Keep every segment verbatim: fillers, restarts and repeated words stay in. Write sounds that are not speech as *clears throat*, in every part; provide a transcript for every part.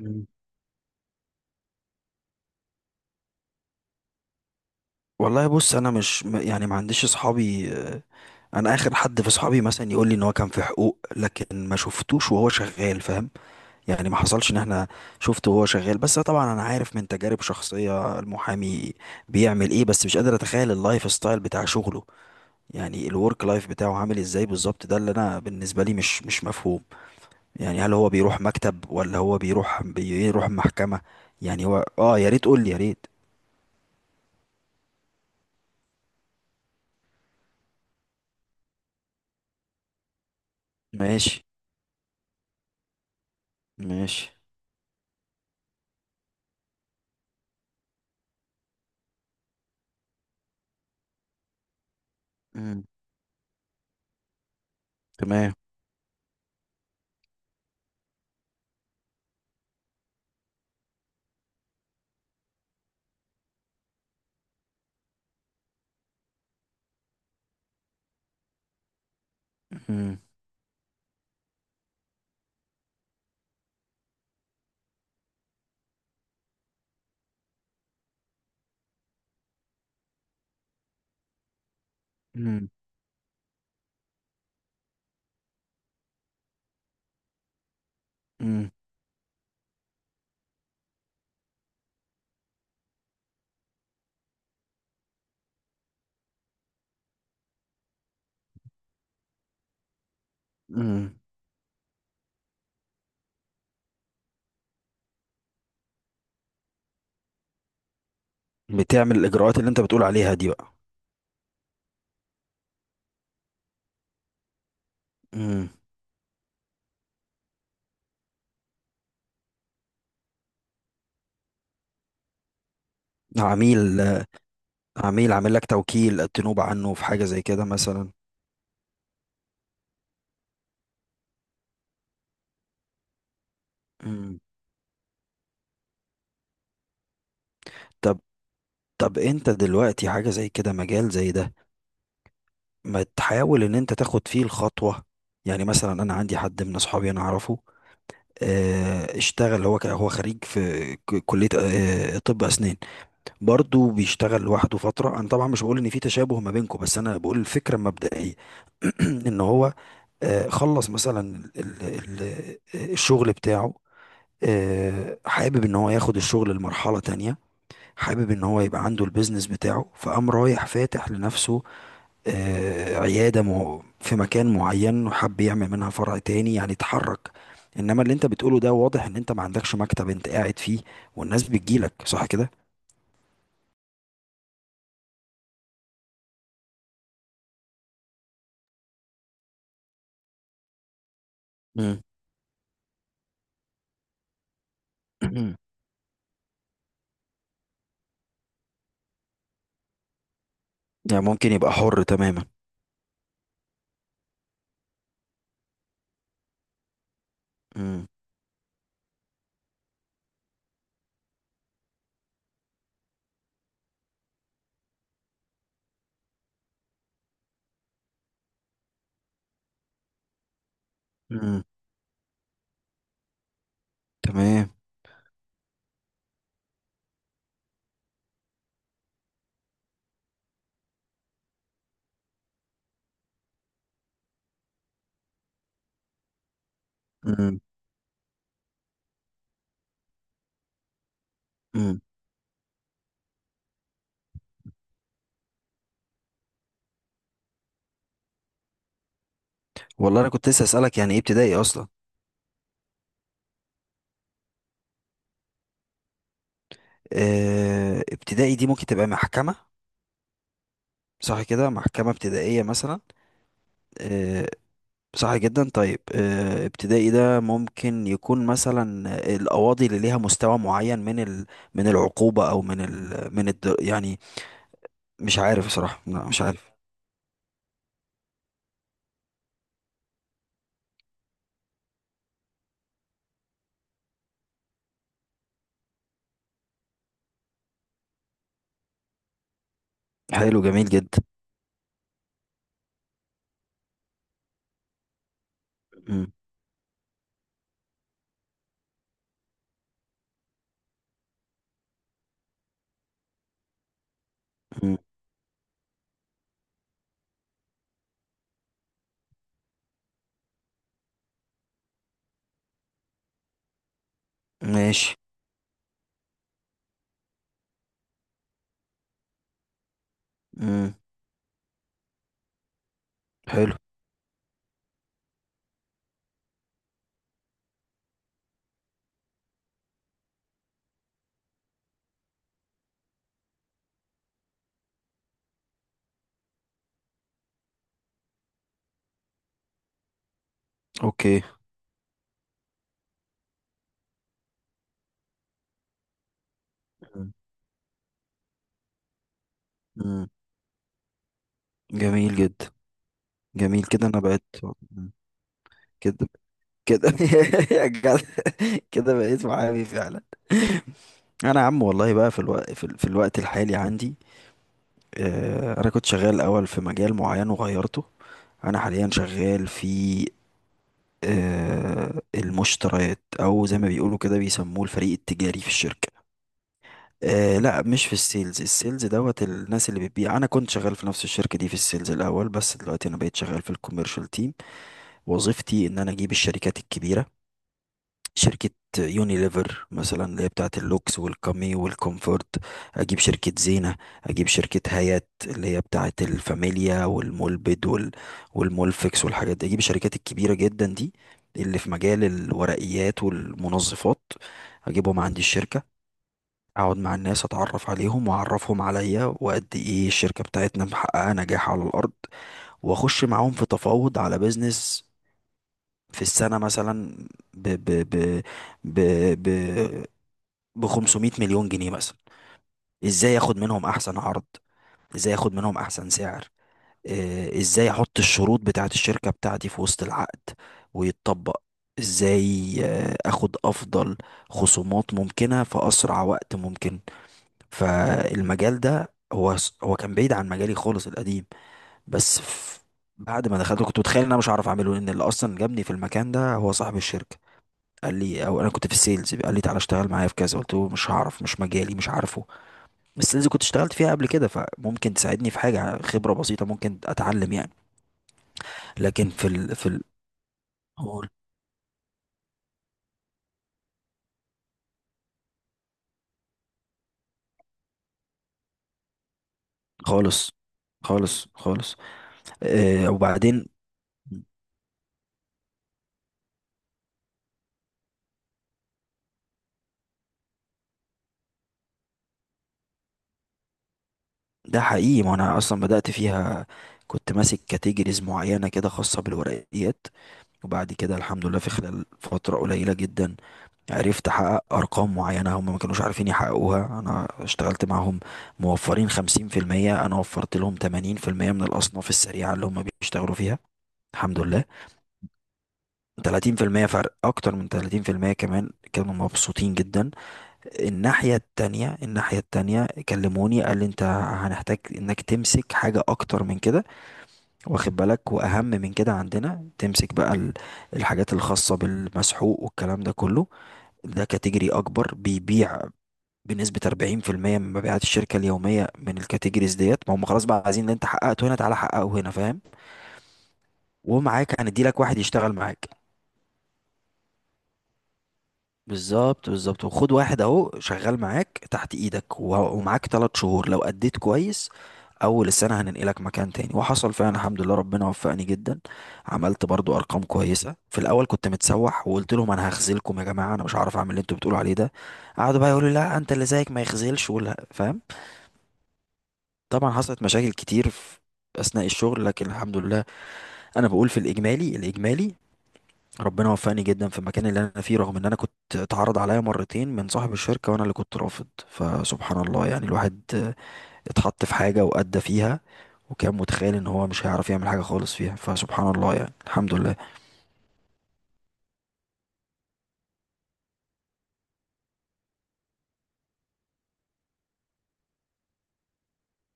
مم. والله بص انا مش م- يعني ما عنديش اصحابي آه، انا اخر حد في اصحابي مثلا يقول لي ان هو كان في حقوق، لكن ما شفتوش وهو شغال، فاهم. يعني ما حصلش ان احنا شفته وهو شغال. بس طبعا انا عارف من تجارب شخصية المحامي بيعمل ايه، بس مش قادر اتخيل اللايف ستايل بتاع شغله، يعني الورك لايف بتاعه عامل ازاي بالظبط. ده اللي انا بالنسبة لي مش مش مفهوم. يعني هل هو بيروح مكتب، ولا هو بيروح بيروح محكمة؟ يعني هو اه يا ريت قول لي، يا ريت. ماشي، ماشي. تمام. مم. مم. مم. مم. بتعمل الإجراءات اللي أنت بتقول عليها دي بقى. مم. عميل عميل عامل لك توكيل تنوب عنه في حاجة زي كده مثلا. مم. طب طب أنت دلوقتي حاجة زي كده، مجال زي ده، ما تحاول إن أنت تاخد فيه الخطوة؟ يعني مثلا أنا عندي حد من أصحابي أنا أعرفه، آه، اشتغل هو ك- هو خريج في ك- كلية آه، طب أسنان. برضه بيشتغل لوحده فترة. أنا طبعا مش بقول إن في تشابه ما بينكم، بس أنا بقول الفكرة المبدئية. *clears throat* إن هو آه، خلص مثلا ال- ال- الشغل بتاعه، آه، حابب إن هو ياخد الشغل لمرحلة تانية. حابب إن هو يبقى عنده البيزنس بتاعه، فقام رايح فاتح لنفسه آه، عيادة مه- في مكان معين، وحب يعمل منها فرع تاني، يعني اتحرك. انما اللي انت بتقوله ده واضح ان انت ما عندكش مكتب انت قاعد فيه، والناس بتجيلك، صح كده؟ مم. *clears throat* يعني ممكن يبقى حر تماما. مم. مم. تمام. مم. مم. والله انا كنت لسه اسالك، يعني ايه ابتدائي اصلا؟ آه، ابتدائي دي ممكن تبقى محكمة، صح كده؟ محكمة ابتدائية مثلا. آه، صح جدا. طيب، آه، ابتدائي ده ممكن يكون مثلا القواضي اللي ليها مستوى معين من ال... من العقوبة، او من ال... من الد... يعني مش عارف بصراحة، لا، مش عارف. حلو، جميل جدا. مم. مم. ماشي. مم. حلو. اوكي. مم. مم. جميل جدا. جميل، كده انا بقيت. مم. كده، كده. *laughs* يا جدع، كده بقيت معايا فعلا. انا يا عم والله بقى في الوقت في, ال... في الوقت الحالي عندي آه، انا كنت شغال الاول في مجال معين وغيرته. انا حاليا شغال في آه، المشتريات، او زي ما بيقولوا كده بيسموه الفريق التجاري في الشركة. آه لا، مش في السيلز. السيلز دوت الناس اللي بتبيع. انا كنت شغال في نفس الشركة دي في السيلز الاول، بس دلوقتي انا بقيت شغال في الكوميرشال تيم. وظيفتي ان انا اجيب الشركات الكبيرة، شركة يونيليفر مثلا اللي هي بتاعة اللوكس والكامي والكومفورت. أجيب شركة زينة، أجيب شركة هايات اللي هي بتاعة الفاميليا والمولبد وال... والمولفكس والحاجات دي. أجيب الشركات الكبيرة جدا دي اللي في مجال الورقيات والمنظفات، أجيبهم عندي الشركة، أقعد مع الناس، أتعرف عليهم وأعرفهم عليا، وقد إيه الشركة بتاعتنا محققة نجاح على الأرض، وأخش معاهم في تفاوض على بيزنس في السنة مثلا ب ب ب ب ب ب خمسمية مليون جنيه مثلا. ازاي ياخد منهم احسن عرض، ازاي ياخد منهم احسن سعر، آه، ازاي احط الشروط بتاعت الشركة بتاعتي في وسط العقد ويتطبق، ازاي آه، اخد افضل خصومات ممكنة في اسرع وقت ممكن. فالمجال ده هو س- هو كان بعيد عن مجالي خالص القديم. بس ف- بعد ما دخلت كنت متخيل ان انا مش هعرف اعمله، لان اللي اصلا جابني في المكان ده هو صاحب الشركة، قال لي، او انا كنت في السيلز، قال لي تعالى اشتغل معايا في كذا. قلت له مش هعرف، مش مجالي، مش عارفه. السيلز كنت اشتغلت فيها قبل كده، فممكن تساعدني في حاجه، خبره بسيطه ممكن اتعلم يعني. لكن في ال في ال قول. خالص، خالص، خالص. آه وبعدين. ده حقيقي، ما انا اصلا بدات فيها، كنت ماسك كاتيجوريز معينه كده خاصه بالورقيات، وبعد كده الحمد لله في خلال فتره قليله جدا عرفت احقق ارقام معينه هم ما كانوش عارفين يحققوها. انا اشتغلت معاهم موفرين خمسين في المية، انا وفرت لهم تمانين في المية من الاصناف السريعه اللي هم بيشتغلوا فيها، الحمد لله. تلاتين في المية فرق، اكتر من تلاتين في المية كمان، كانوا مبسوطين جدا. الناحيه التانية، الناحيه التانية كلموني، قال لي انت هنحتاج انك تمسك حاجه اكتر من كده. واخد بالك، واهم من كده عندنا تمسك بقى ال- الحاجات الخاصه بالمسحوق والكلام ده كله، ده كاتيجوري اكبر، بيبيع بنسبة اربعين في المية من مبيعات الشركة اليومية، من الكاتيجوريز ديت. ما هم خلاص بقى عايزين اللي انت حققته هنا تعالى حققه هنا، فاهم؟ ومعاك هندي لك واحد يشتغل معاك. بالظبط، بالظبط. وخد واحد اهو شغال معاك تحت ايدك و- ومعاك ثلاث شهور، لو اديت كويس اول السنة هننقلك مكان تاني. وحصل فعلا، الحمد لله، ربنا وفقني جدا. عملت برضو ارقام كويسة. في الاول كنت متسوح وقلت لهم انا هخذلكم يا جماعة، انا مش هعرف اعمل اللي انتوا بتقولوا عليه ده. قعدوا بقى يقولوا لا، انت اللي زيك ما يخذلش ولا، فاهم. طبعا حصلت مشاكل كتير في اثناء الشغل، لكن الحمد لله، انا بقول في الاجمالي الاجمالي ربنا وفقني جدا في المكان اللي انا فيه، رغم ان انا كنت اتعرض عليا مرتين من صاحب الشركه وانا اللي كنت رافض، فسبحان الله يعني. الواحد اتحط في حاجه وادى فيها، وكان متخيل ان هو مش هيعرف يعمل حاجه خالص فيها، فسبحان الله يعني، الحمد لله.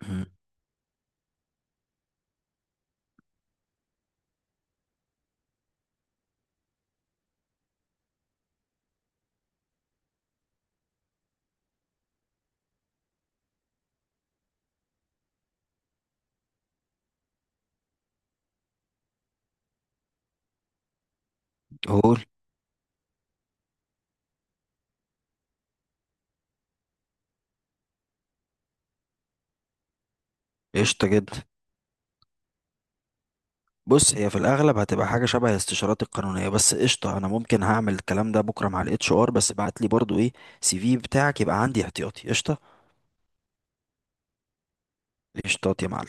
*clears throat* مم. قول. قشطه جدا. بص هي في الاغلب هتبقى حاجه شبه الاستشارات القانونيه، بس قشطه. انا ممكن هعمل الكلام ده بكره مع الاتش ار، بس بعت لي برضو ايه سي في بتاعك يبقى عندي احتياطي، قشطه. قشطات يا معلم.